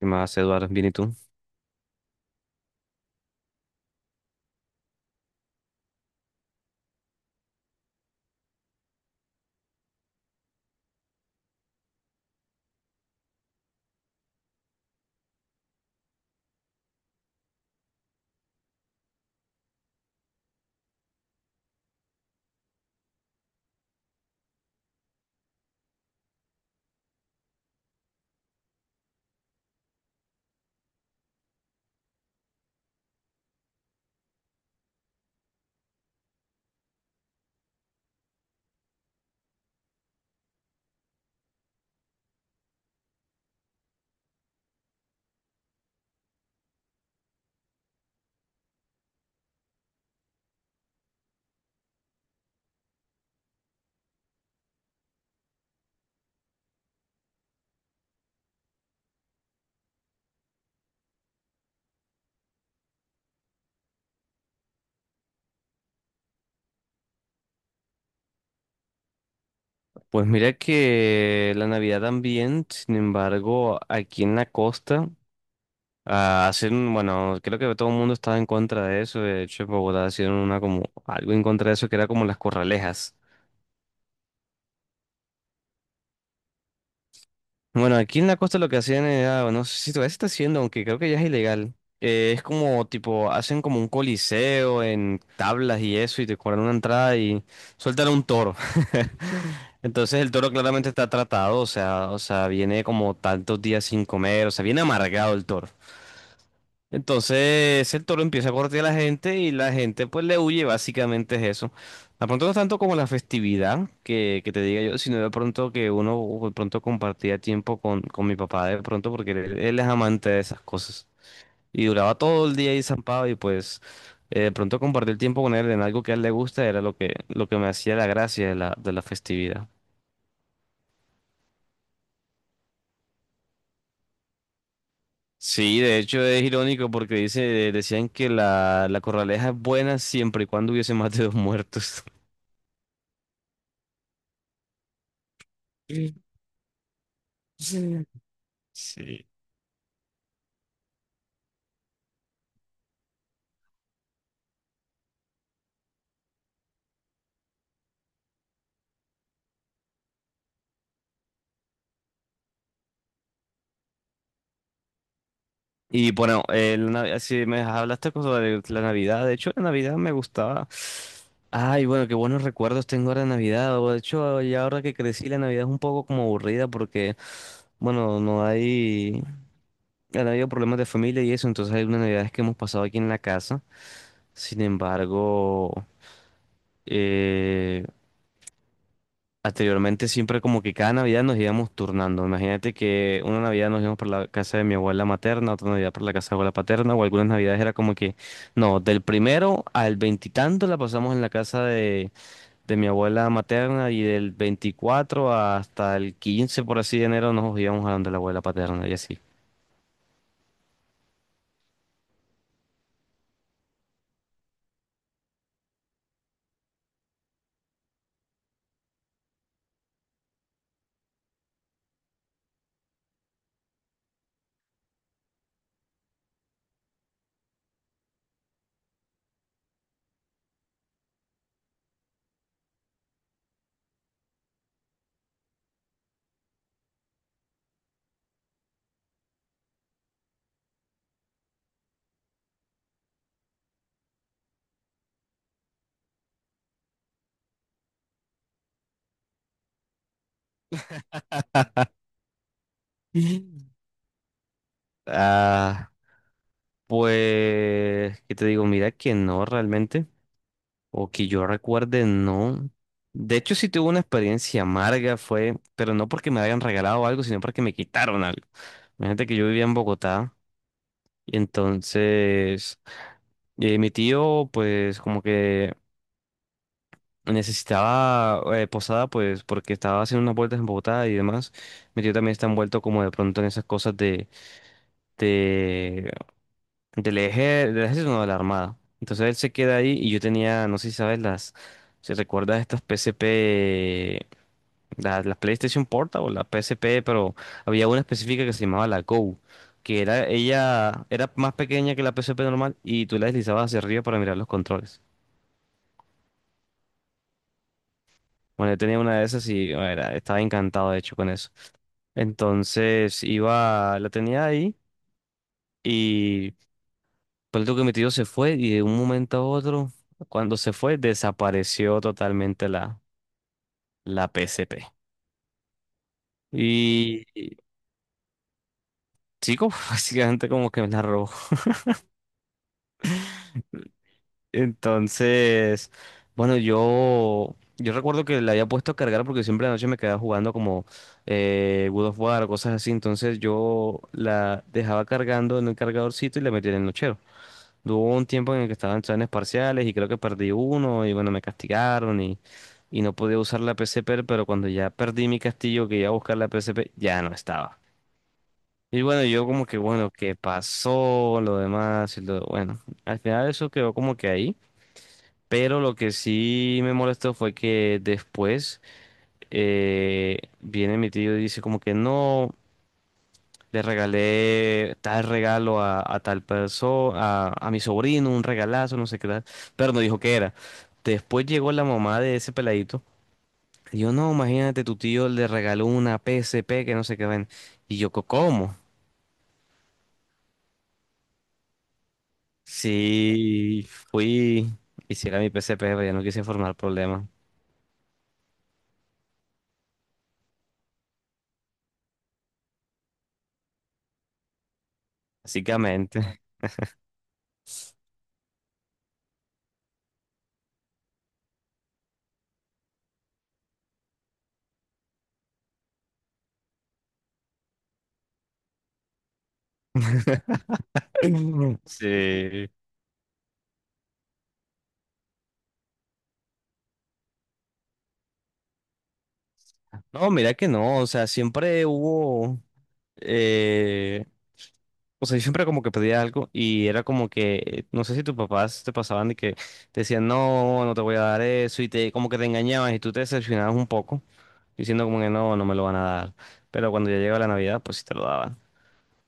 ¿Qué más, Eduardo? Bien, ¿y tú? Pues mira que la Navidad también. Sin embargo, aquí en la costa, hacen, bueno, creo que todo el mundo estaba en contra de eso. De hecho, en Bogotá hicieron una como algo en contra de eso que era como las corralejas. Bueno, aquí en la costa lo que hacían era, no sé si todavía se está haciendo, aunque creo que ya es ilegal. Es como tipo, hacen como un coliseo en tablas y eso, y te cobran una entrada y sueltan a un toro. Entonces el toro claramente está tratado, o sea, viene como tantos días sin comer, o sea, viene amargado el toro. Entonces el toro empieza a correr a la gente y la gente pues le huye. Básicamente es eso. De pronto no es tanto como la festividad que te diga yo, sino de pronto que uno de pronto compartía tiempo con mi papá de pronto porque él es amante de esas cosas. Y duraba todo el día ahí zampado y pues de pronto compartir tiempo con él en algo que a él le gusta era lo que me hacía la gracia de la festividad. Sí, de hecho es irónico porque decían que la corraleja es buena siempre y cuando hubiese más de dos muertos. Sí. Sí. Y bueno, la Navidad, si me hablaste sobre la Navidad, de hecho la Navidad me gustaba. Ay, bueno, qué buenos recuerdos tengo ahora de Navidad. O De hecho, ya ahora que crecí, la Navidad es un poco como aburrida porque, bueno, no hay, han habido problemas de familia y eso, entonces hay unas Navidades que hemos pasado aquí en la casa. Sin embargo, eh, anteriormente siempre como que cada Navidad nos íbamos turnando. Imagínate que una Navidad nos íbamos para la casa de mi abuela materna, otra Navidad para la casa de abuela paterna, o algunas Navidades era como que no, del primero al veintitanto la pasamos en la casa de mi abuela materna, y del 24 hasta el 15 por así de enero, nos íbamos a donde la abuela paterna y así. Ah, pues, ¿qué te digo? Mira que no realmente. O que yo recuerde, no. De hecho, sí tuve una experiencia amarga, fue, pero no porque me hayan regalado algo, sino porque me quitaron algo. Imagínate que yo vivía en Bogotá y entonces mi tío, pues como que necesitaba posada, pues porque estaba haciendo unas vueltas en Bogotá y demás. Mi tío también está envuelto como de pronto en esas cosas de, del eje, del ejército, no, de la armada. Entonces él se queda ahí y yo tenía, no sé si sabes, las, si recuerdas estas P C P, la PlayStation Portable, la PSP, pero había una específica que se llamaba la Go, que era ella era más pequeña que la PSP normal y tú la deslizabas hacia arriba para mirar los controles. Bueno, yo tenía una de esas y bueno, era, estaba encantado de hecho con eso. Entonces iba, la tenía ahí y por que mi tío se fue y de un momento a otro, cuando se fue, desapareció totalmente la, la PSP. Y y, sí, como básicamente como que me la robó. Entonces, bueno, yo recuerdo que la había puesto a cargar porque siempre la noche me quedaba jugando como God of War, o cosas así. Entonces yo la dejaba cargando en el cargadorcito y la metía en el nochero. Hubo un tiempo en el que estaba en planes parciales y creo que perdí uno y bueno, me castigaron y no podía usar la PSP, pero cuando ya perdí mi castillo que iba a buscar la PSP, ya no estaba. Y bueno, yo como que bueno, ¿qué pasó? Lo demás y lo bueno. Al final eso quedó como que ahí. Pero lo que sí me molestó fue que después viene mi tío y dice como que no, le regalé tal regalo a tal persona, a mi sobrino, un regalazo, no sé qué tal, pero no dijo qué era. Después llegó la mamá de ese peladito. Y yo, no, imagínate, tu tío le regaló una PSP que no sé qué ven. Y yo, "Co- ¿cómo? Sí, fui, hiciera mi PSP, pero ya no quise formar problemas, básicamente. Sí. No, mira que no, o sea, siempre hubo, eh, o sea, yo siempre como que pedía algo y era como que, no sé si tus papás te pasaban de que te decían, no, no te voy a dar eso y te, como que te engañaban y tú te decepcionabas un poco, diciendo como que no, no me lo van a dar, pero cuando ya llegaba la Navidad, pues sí te lo daban.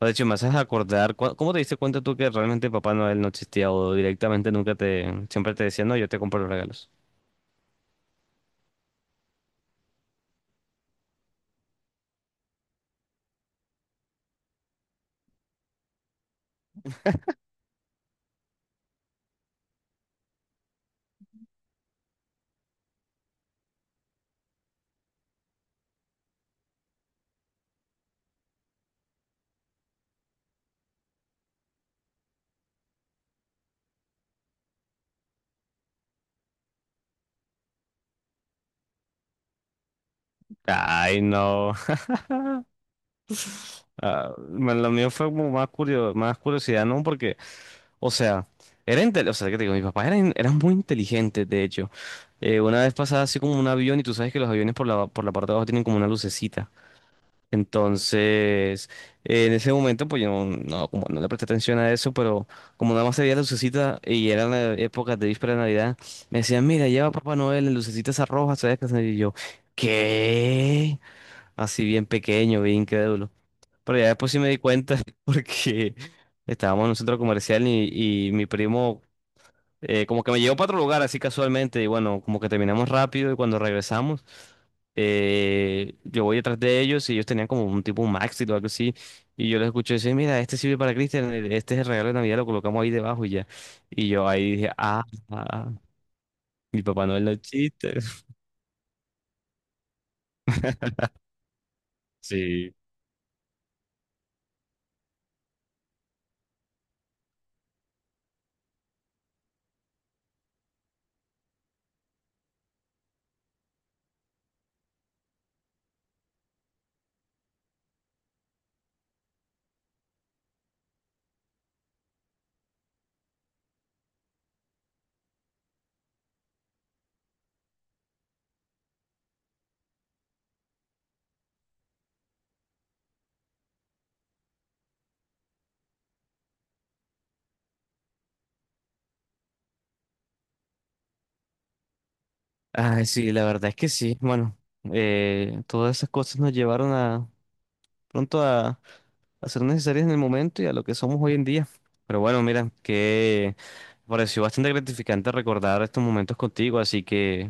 O de hecho, me haces acordar, ¿cómo te diste cuenta tú que realmente Papá Noel no existía o directamente nunca te, siempre te decía, no, yo te compro los regalos? Ay, no. Ah, lo mío fue como más más curiosidad, ¿no? Porque, o sea, era o sea, ¿qué te digo? Mis papás eran muy inteligentes, de hecho. Una vez pasaba así como un avión y tú sabes que los aviones por la parte de abajo tienen como una lucecita. Entonces, en ese momento, pues yo no, no, como no le presté atención a eso, pero como nada más se veía la lucecita y eran épocas de víspera de Navidad, me decían, mira, lleva Papá Noel, la lucecita esa roja, ¿sabes qué? Y yo, ¿qué? Así bien pequeño, bien incrédulo. Pero ya después sí me di cuenta porque estábamos en un centro comercial y mi primo como que me llevó para otro lugar así casualmente y bueno, como que terminamos rápido y cuando regresamos yo voy detrás de ellos y ellos tenían como un tipo un maxi o algo así y yo les escuché decir, mira, este sirve para Cristian, e, este es el regalo de Navidad, lo colocamos ahí debajo y ya. Y yo ahí dije, ah, ah, mi papá no es los chistes. Sí. Ay, sí, la verdad es que sí. Bueno, todas esas cosas nos llevaron a pronto a ser necesarias en el momento y a lo que somos hoy en día. Pero bueno, mira, que me pareció bastante gratificante recordar estos momentos contigo, así que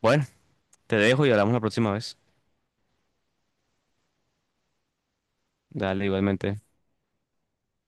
bueno, te dejo y hablamos la próxima vez. Dale, igualmente.